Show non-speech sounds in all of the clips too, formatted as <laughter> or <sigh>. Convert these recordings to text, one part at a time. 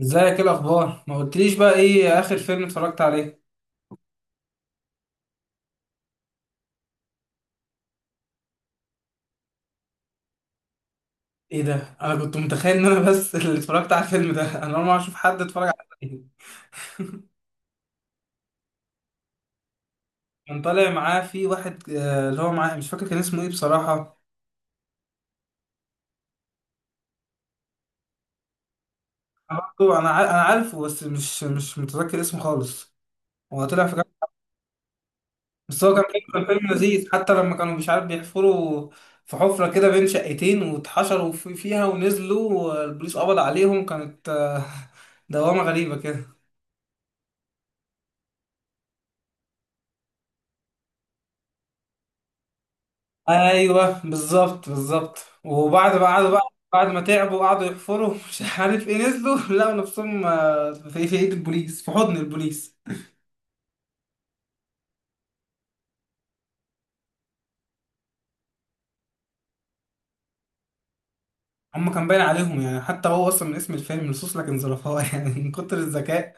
ازيك؟ ايه الاخبار؟ ما قلتليش بقى ايه اخر فيلم اتفرجت عليه؟ ايه ده؟ انا كنت متخيل ان انا بس <laughs> اللي اتفرجت على الفيلم ده. انا اول مره اشوف حد اتفرج على الفيلم. كان طالع معاه في واحد، اللي هو معاه، مش فاكر كان اسمه ايه بصراحه. انا برضه، انا عارفه، بس مش متذكر اسمه خالص. هو طلع في كام- بس هو كان فيلم، كان فيلم لذيذ. حتى لما كانوا، مش عارف، بيحفروا في حفره كده بين شقتين واتحشروا فيها ونزلوا، والبوليس قبض عليهم. كانت <laughs> دوامه غريبه كده. ايوه، بالظبط بالظبط. وبعد ما قعدوا بقى، بعد ما تعبوا وقعدوا يحفروا، مش عارف ايه، نزلوا <laughs> لقوا نفسهم، في ايد البوليس، في حضن البوليس. هم كان باين عليهم يعني، حتى هو اصلا من اسم الفيلم لصوص لكن ظرفاء <laughs> يعني من كتر الذكاء.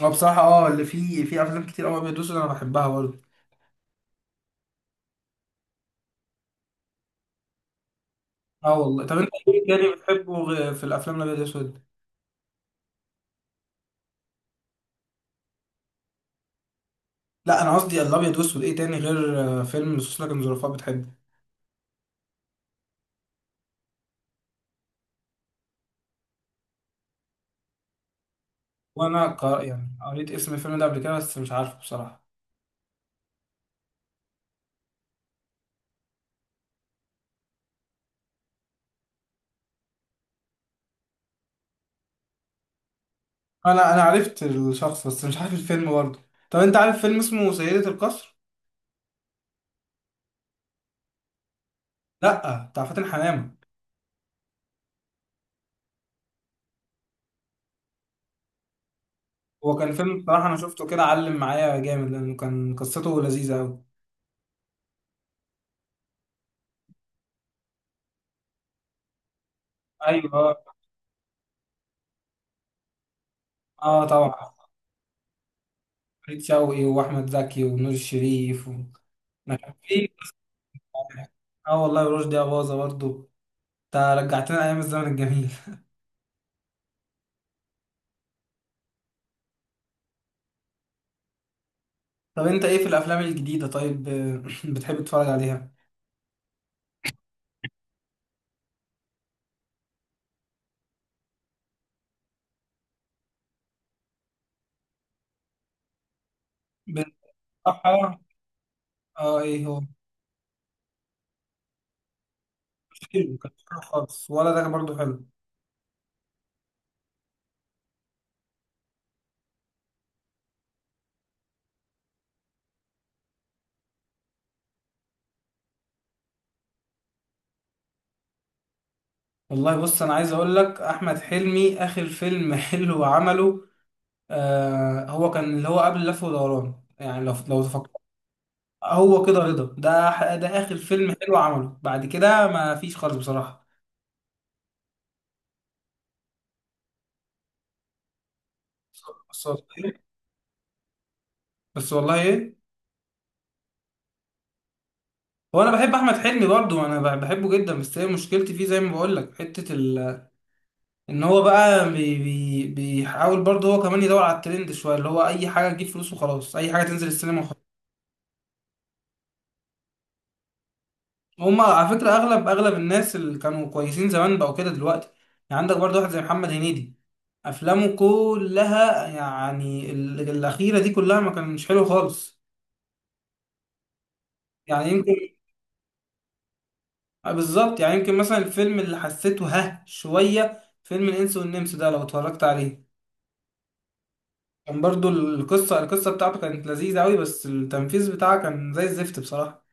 هو بصراحه اه اللي فيه، في افلام كتير قوي ابيض واسود انا بحبها برضه. اه والله. طب انت ايه تاني بتحبه في الافلام الابيض واسود؟ لا انا قصدي الابيض واسود، ايه تاني غير فيلم لصوص لكن ظرفاء بتحبه؟ يعني قريت اسم الفيلم ده قبل كده، بس مش عارفه بصراحه. انا عرفت الشخص، بس مش عارف الفيلم برضه. طب انت عارف فيلم اسمه سيدة القصر؟ لا، بتاع فاتن حمامة. هو كان فيلم بصراحة انا شفته كده علم معايا جامد، لانه كان قصته لذيذة قوي. ايوه. اه طبعا. فريد شوقي واحمد زكي ونور الشريف و... ما كان في. اه والله، رشدي أباظة برضه. انت رجعتنا ايام الزمن الجميل. <laughs> طب انت ايه في الافلام الجديدة طيب <coughs> <laughs> بتحب تتفرج عليها؟ بصراحة اه، ايه هو؟ مش حلو؟ كان مش حلو خالص، ولا ده كان برضه حلو؟ والله بص، انا عايز اقول لك احمد حلمي اخر فيلم <laughs> حلو عمله، آه هو كان اللي هو قبل لف ودوران. يعني لو لو تفكر، هو كده رضا، ده اخر فيلم حلو عمله. بعد كده ما فيش خالص بصراحة. بس والله إيه؟ بس والله ايه. هو انا بحب احمد حلمي برضو، بحبه جدا، بس هي مشكلتي فيه زي ما بقول لك، حتة ال... ان هو بقى بيحاول برضو هو كمان يدور على الترند شوية، اللي هو اي حاجة تجيب فلوس وخلاص، اي حاجة تنزل السينما. هما على فكرة أغلب الناس اللي كانوا كويسين زمان بقوا كده دلوقتي. يعني عندك برضه واحد زي محمد هنيدي، أفلامه كلها يعني الأخيرة دي كلها ما كانش حلو خالص. يعني يمكن، آه بالظبط. يعني يمكن مثلا الفيلم اللي حسيته ها شوية، فيلم الإنس والنمس ده لو اتفرجت عليه، كان برضه القصة، القصة بتاعته كانت لذيذة أوي، بس التنفيذ بتاعها كان زي الزفت بصراحة.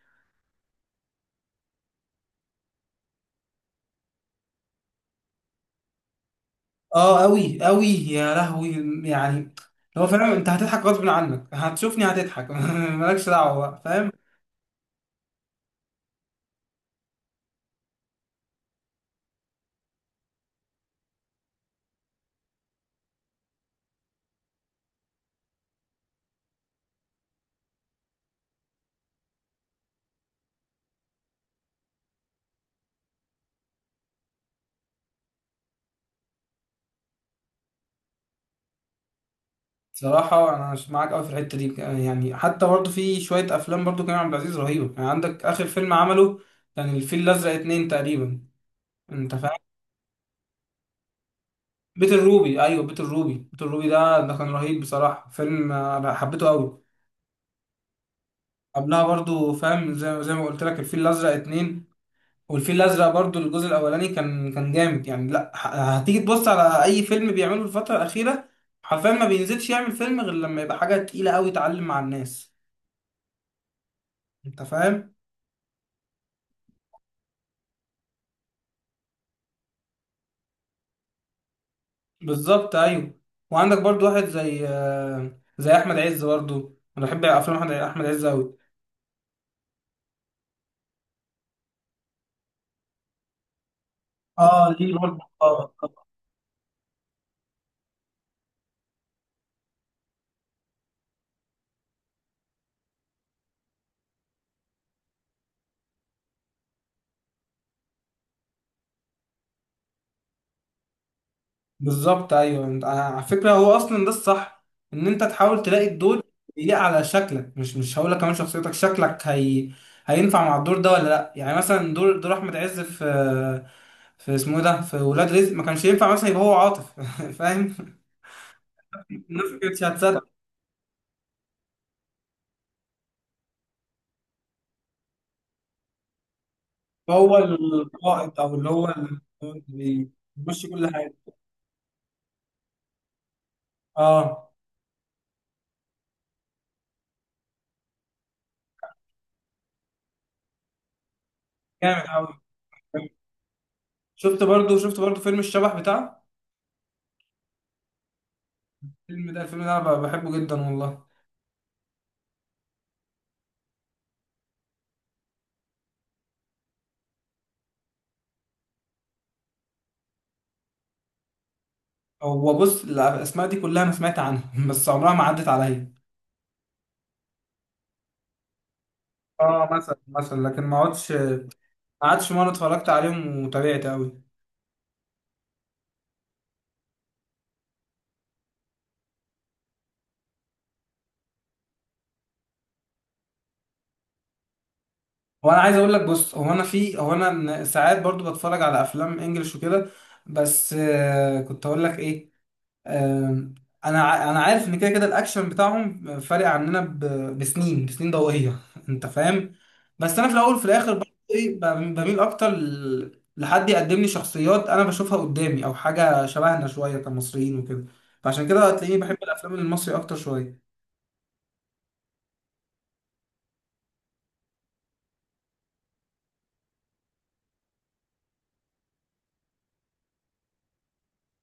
اه قوي قوي، يا لهوي. يعني هو فعلا انت هتضحك غصب عنك، هتشوفني هتضحك <laughs> مالكش دعوه بقى، فاهم؟ صراحه انا مش معاك قوي في الحته دي. يعني حتى برضه في شويه افلام برضه كريم عبد العزيز رهيبه. يعني عندك اخر فيلم عمله، كان الفيل الازرق اتنين تقريبا. انت فاهم؟ بيت الروبي، ايوه بيت الروبي. بيت الروبي ده كان رهيب بصراحه، فيلم انا حبيته قوي. قبلها برضه فاهم، زي ما قلت لك الفيل الازرق اتنين. والفيل الازرق برضو الجزء الاولاني كان جامد. يعني لا، هتيجي تبص على اي فيلم بيعمله الفتره الاخيره، حرفيا ما بينزلش يعمل فيلم غير لما يبقى حاجه تقيله قوي تعلم مع الناس. انت فاهم؟ بالظبط ايوه. وعندك برضو واحد زي زي احمد عز برضو، انا بحب افلام احمد أحمد عز قوي. اه ليه برضو اه. بالظبط ايوه. انت على فكره هو اصلا ده الصح، ان انت تحاول تلاقي الدور يليق على شكلك. مش هقول لك كمان شخصيتك، شكلك هي هينفع مع الدور ده ولا لا. يعني مثلا دور احمد عز في، في اسمه إيه ده، في ولاد رزق، ما كانش ينفع مثلا يبقى هو عاطف. <laughs> فاهم؟ الناس ما كانتش هتصدق. هو القائد او اللي هو اللي بيمشي كل حاجه. اه جامد قوي. شفت برضو، شفت برضو فيلم الشبح بتاعه؟ الفيلم ده الفيلم ده انا بحبه جدا والله. هو بص الاسماء دي كلها انا سمعت عنها، <laughs> بس عمرها ما عدت عليا. اه مثلا، مثلا. لكن ما اقعدش، ما قعدتش مره اتفرجت عليهم وتابعت قوي. هو انا عايز اقول لك، بص هو انا في، هو انا ساعات برضو بتفرج على افلام انجلش وكده. بس كنت اقول لك ايه، آم، انا عارف ان كده كده الاكشن بتاعهم فارق عننا، بسنين، بسنين ضوئيه. <laughs> انت فاهم؟ بس انا في الاول وفي الاخر برضه ايه، بميل اكتر لحد يقدم لي شخصيات انا بشوفها قدامي، او حاجه شبهنا شويه كمصريين وكده. فعشان كده هتلاقيني بحب الافلام المصري اكتر شويه.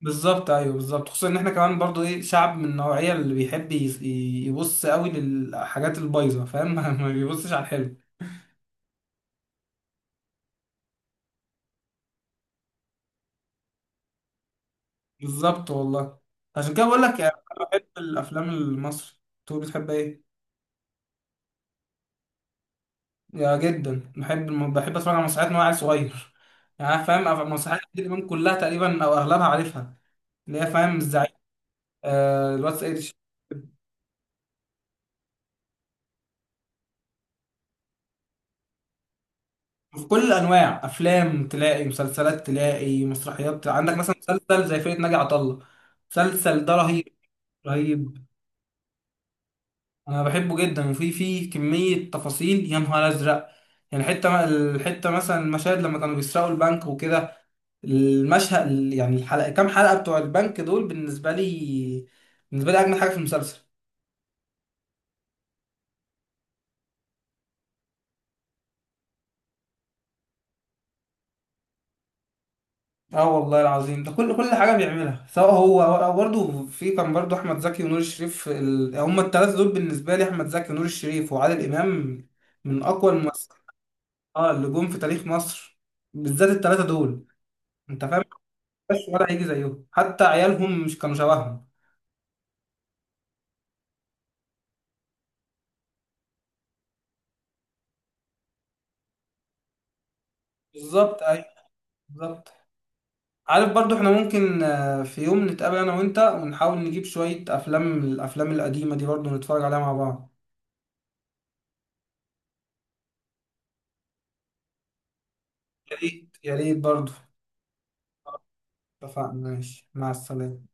بالظبط ايوه، بالظبط. خصوصا ان احنا كمان برضو ايه، شعب من النوعيه اللي بيحب يبص قوي للحاجات البايظه، فاهم؟ <laughs> ما بيبصش على الحلو. بالظبط والله. عشان كده بقول لك يعني، انا بحب الافلام المصري. انت بتحب ايه؟ يا جدا بحب، بحب اتفرج على مسرحيات من وانا عيل صغير. <laughs> يعني أنا فاهم مسرحيات عادل امام كلها تقريبا او اغلبها عارفها، اللي هي فاهم الزعيم، آه الواد سيد في كل الانواع. افلام تلاقي، مسلسلات تلاقي، مسرحيات. عندك مثلا مسلسل زي فرقه ناجي عطا الله، مسلسل ده رهيب، رهيب. انا بحبه جدا، وفي في كميه تفاصيل، يا نهار ازرق. يعني حته، الحته مثلا المشاهد لما كانوا بيسرقوا البنك وكده، المشهد يعني الحلقه، كام حلقه بتوع البنك دول بالنسبه لي، بالنسبه لي اجمل حاجه في المسلسل. اه والله العظيم، ده كل حاجه بيعملها، سواء هو أو برضه في كان برضه احمد زكي ونور الشريف، ال... هما الثلاثه دول بالنسبه لي: احمد زكي ونور الشريف وعادل امام، من اقوى الممثلين اه اللي جم في تاريخ مصر. بالذات الثلاثه دول، انت فاهم؟ بس ولا هيجي زيهم، حتى عيالهم مش كانوا شبههم. بالظبط ايوه، بالظبط. عارف برضو احنا ممكن في يوم نتقابل انا وانت، ونحاول نجيب شوية افلام من الافلام القديمة دي برضو نتفرج عليها مع بعض. يا ريت، يا ريت برضو. اتفقنا، ماشي، مع السلامة.